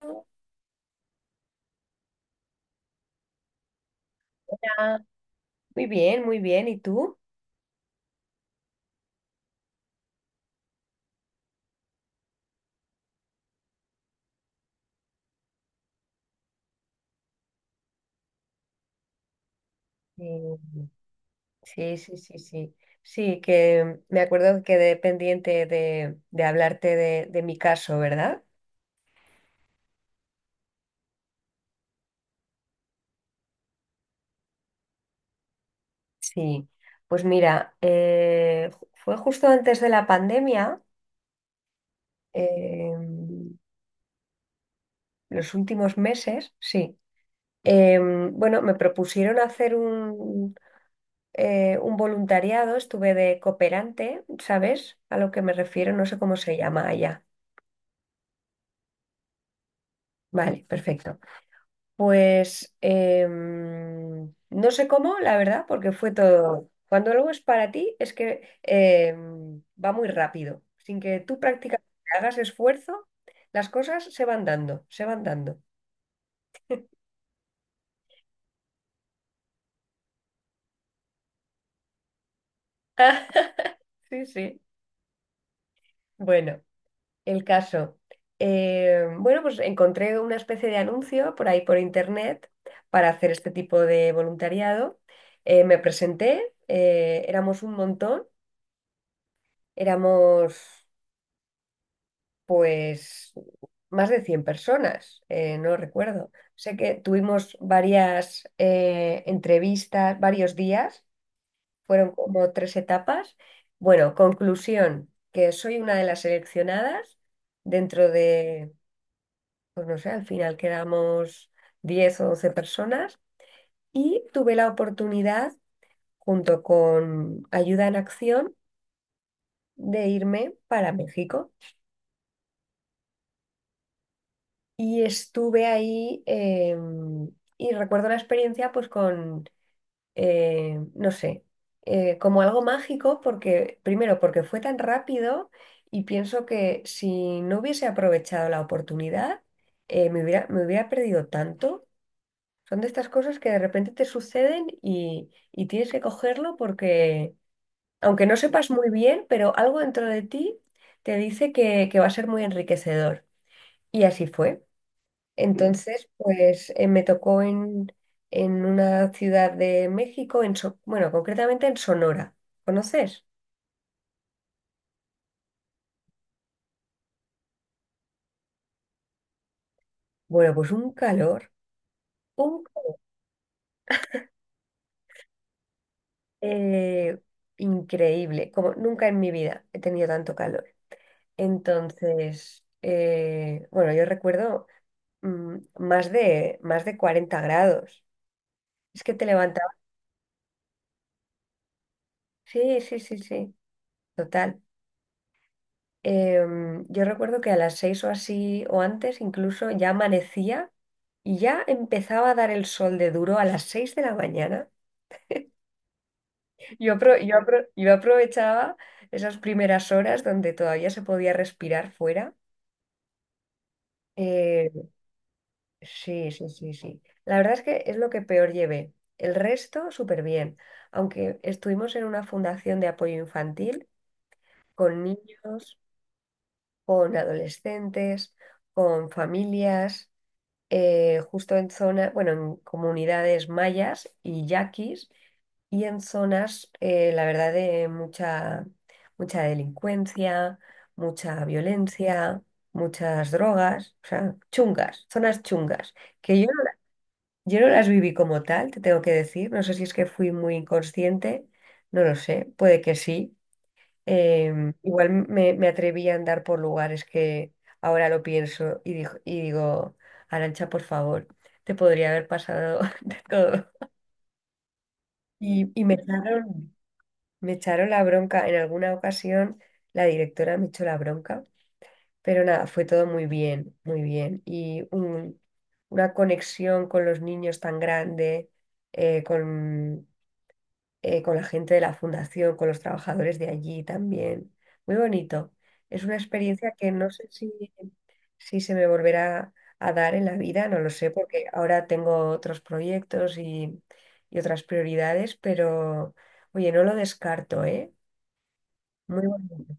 Hola. Muy bien, muy bien. ¿Y tú? Eh, Sí, sí, sí, sí. Sí, que me acuerdo que quedé pendiente de hablarte de mi caso, ¿verdad? Sí. Pues mira, fue justo antes de la pandemia, eh, los últimos meses, sí. Bueno, me propusieron hacer un voluntariado, estuve de cooperante, ¿sabes? A lo que me refiero, no sé cómo se llama allá. Vale, perfecto. Pues no sé cómo, la verdad, porque fue todo. Cuando algo es para ti, es que va muy rápido. Sin que tú prácticamente hagas esfuerzo, las cosas se van dando, se van dando. Sí, sí. Bueno, el caso. Bueno, pues encontré una especie de anuncio por ahí por internet para hacer este tipo de voluntariado. Me presenté, éramos un montón, éramos pues más de 100 personas, no recuerdo. Sé que tuvimos varias entrevistas, varios días, fueron como tres etapas. Bueno, conclusión, que soy una de las seleccionadas dentro de, pues no sé, al final quedamos 10 o 12 personas y tuve la oportunidad, junto con Ayuda en Acción, de irme para México. Y estuve ahí y recuerdo la experiencia pues con no sé, como algo mágico porque, primero, porque fue tan rápido y pienso que si no hubiese aprovechado la oportunidad, me hubiera perdido tanto. Son de estas cosas que de repente te suceden y tienes que cogerlo porque, aunque no sepas muy bien, pero algo dentro de ti te dice que va a ser muy enriquecedor. Y así fue. Entonces, pues en una ciudad de México, bueno, concretamente en Sonora. ¿Conoces? Bueno, pues un calor, un eh, increíble, como nunca en mi vida he tenido tanto calor. Entonces, bueno, yo recuerdo más de 40 grados. Es que te levantaba. Sí, sí, sí, sí, total. Yo recuerdo que a las seis o así o antes incluso ya amanecía. Y ya empezaba a dar el sol de duro a las 6 de la mañana. Yo aprovechaba esas primeras horas donde todavía se podía respirar fuera. Eh, sí, sí, sí, sí. La verdad es que es lo que peor llevé. El resto, súper bien. Aunque estuvimos en una fundación de apoyo infantil con niños, con adolescentes, con familias, justo en zona, bueno, en comunidades mayas y yaquis y en zonas, la verdad, de mucha, mucha delincuencia, mucha violencia, muchas drogas, o sea, chungas, zonas chungas, que yo, no- yo no las viví como tal, te tengo que decir, no sé si es que fui muy inconsciente, no lo sé, puede que sí. Igual me atreví a andar por lugares que ahora lo pienso y, dijo y digo, Arancha, por favor, te podría haber pasado de todo. Y, y me echaron, Me echaron la bronca en alguna ocasión, la directora me echó la bronca, pero nada, fue todo muy bien, muy bien. Una conexión con los niños tan grande, eh, con, con la gente de la fundación, con los trabajadores de allí también. Muy bonito. Es una experiencia que no sé si, si se me volverá a dar en la vida, no lo sé, porque ahora tengo otros proyectos y otras prioridades, pero oye, no lo descarto, ¿eh? Muy bonito.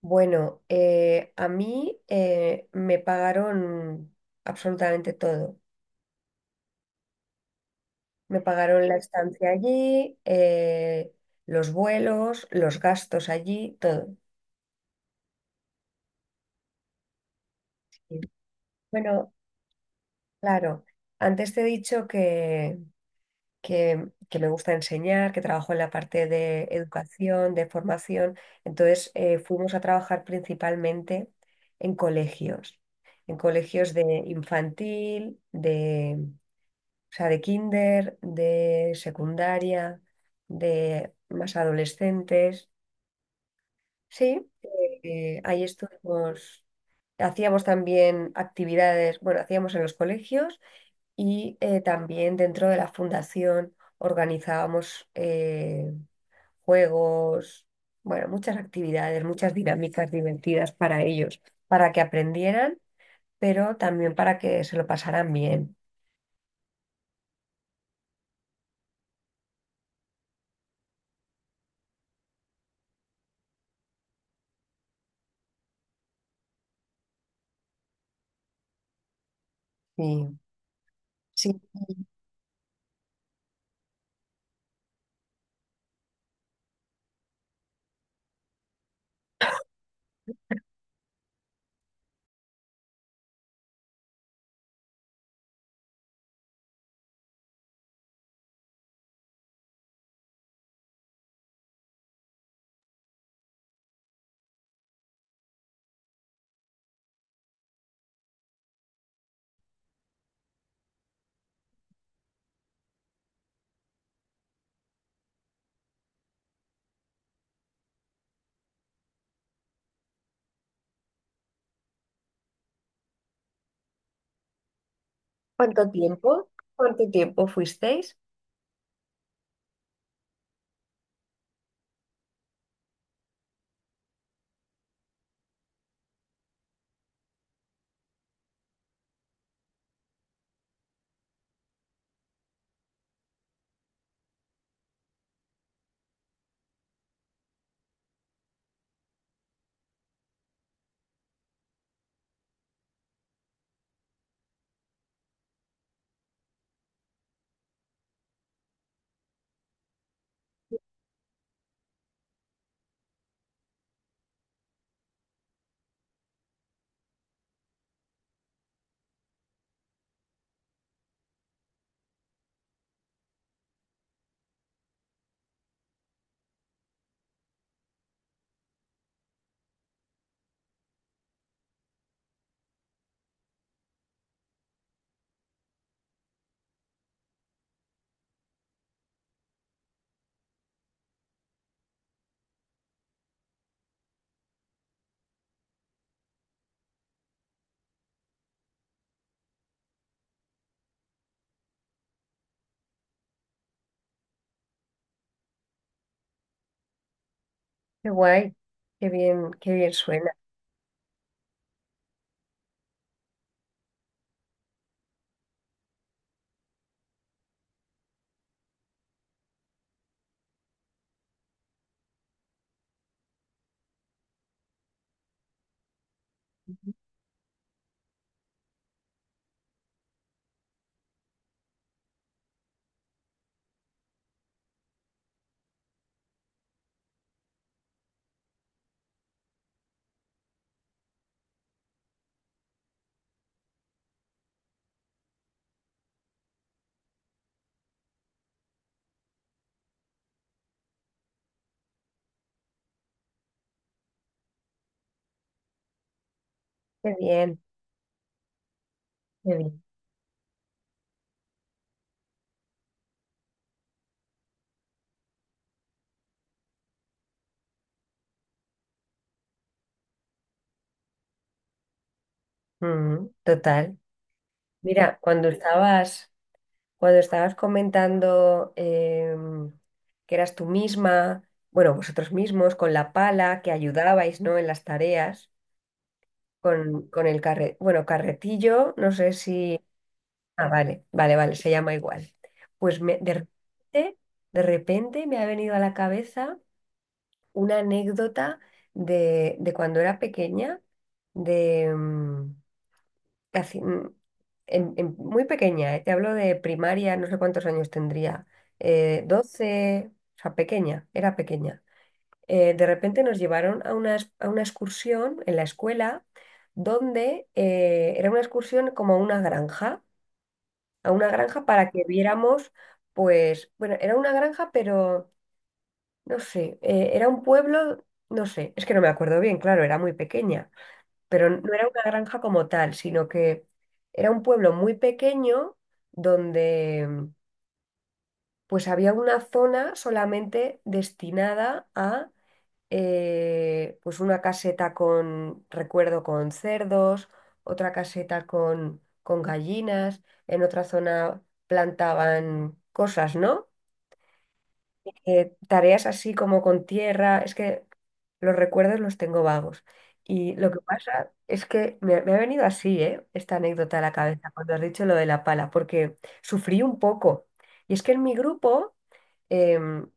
Bueno, a mí me pagaron absolutamente todo. Me pagaron la estancia allí, los vuelos, los gastos allí, todo. Sí. Bueno, claro, antes te he dicho que me gusta enseñar, que trabajo en la parte de educación, de formación. Entonces, fuimos a trabajar principalmente en colegios, en colegios de infantil. O sea, de kinder, de secundaria, de más adolescentes. Sí, ahí estuvimos, hacíamos también actividades, bueno, hacíamos en los colegios y también dentro de la fundación organizábamos juegos, bueno, muchas actividades, muchas dinámicas divertidas para ellos, para que aprendieran, pero también para que se lo pasaran bien. Sí, sí. ¿Cuánto tiempo? ¿Cuánto tiempo fuisteis? Qué guay, qué bien suena, qué bien, qué bien. Mm, total. Mira, cuando estabas comentando que eras tú misma, bueno, vosotros mismos, con la pala, que ayudabais, ¿no? En las tareas, con el carre, bueno, carretillo, no sé si. Ah, vale, vale, vale, se llama igual. De repente, de repente me ha venido a la cabeza una anécdota de cuando era pequeña, de casi, muy pequeña, te hablo de primaria, no sé cuántos años tendría, 12, o sea, pequeña, era pequeña. De repente nos llevaron a a una excursión en la escuela donde era una excursión como a una granja para que viéramos, pues, bueno, era una granja, pero no sé, era un pueblo, no sé, es que no me acuerdo bien, claro, era muy pequeña, pero no era una granja como tal, sino que era un pueblo muy pequeño donde pues había una zona solamente destinada a pues una caseta con, recuerdo, con cerdos, otra caseta con gallinas, en otra zona plantaban cosas, ¿no? Tareas así como con tierra, es que los recuerdos los tengo vagos. Y lo que pasa es que me ha venido así, ¿eh? Esta anécdota a la cabeza cuando has dicho lo de la pala, porque sufrí un poco. Y es que en mi grupo, em,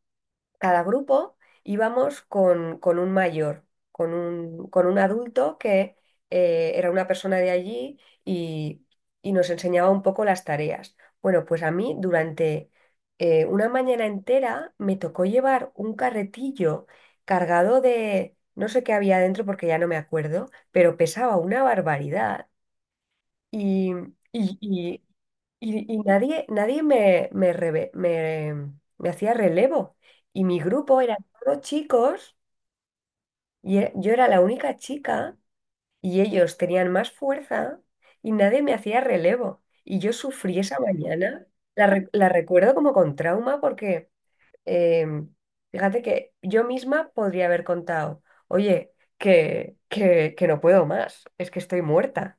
cada grupo íbamos con un mayor, con un adulto que era una persona de allí y, y nos enseñaba un poco las tareas. Bueno, pues a mí durante una mañana entera me tocó llevar un carretillo cargado de, no sé qué había dentro porque ya no me acuerdo, pero pesaba una barbaridad. Y, y, y, y nadie, me hacía relevo. Y mi grupo eran todos chicos, yo era la única chica, y ellos tenían más fuerza, y nadie me hacía relevo. Y yo sufrí esa mañana, la recuerdo como con trauma, porque em, fíjate que yo misma podría haber contado, oye, que no puedo más, es que estoy muerta.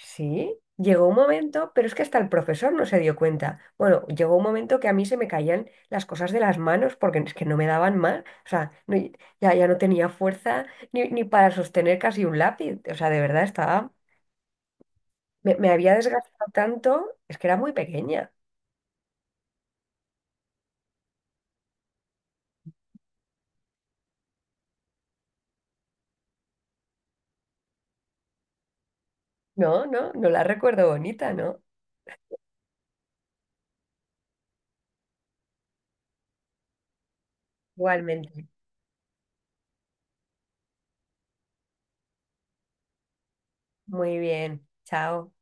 Sí, llegó un momento, pero es que hasta el profesor no se dio cuenta. Bueno, llegó un momento que a mí se me caían las cosas de las manos porque es que no me daban más. O sea, no- ya, ya no tenía fuerza ni para sostener casi un lápiz. O sea, de verdad estaba... Me había desgastado tanto, es que era muy pequeña. No, no, no la recuerdo bonita, ¿no? Igualmente. Muy bien. Chao.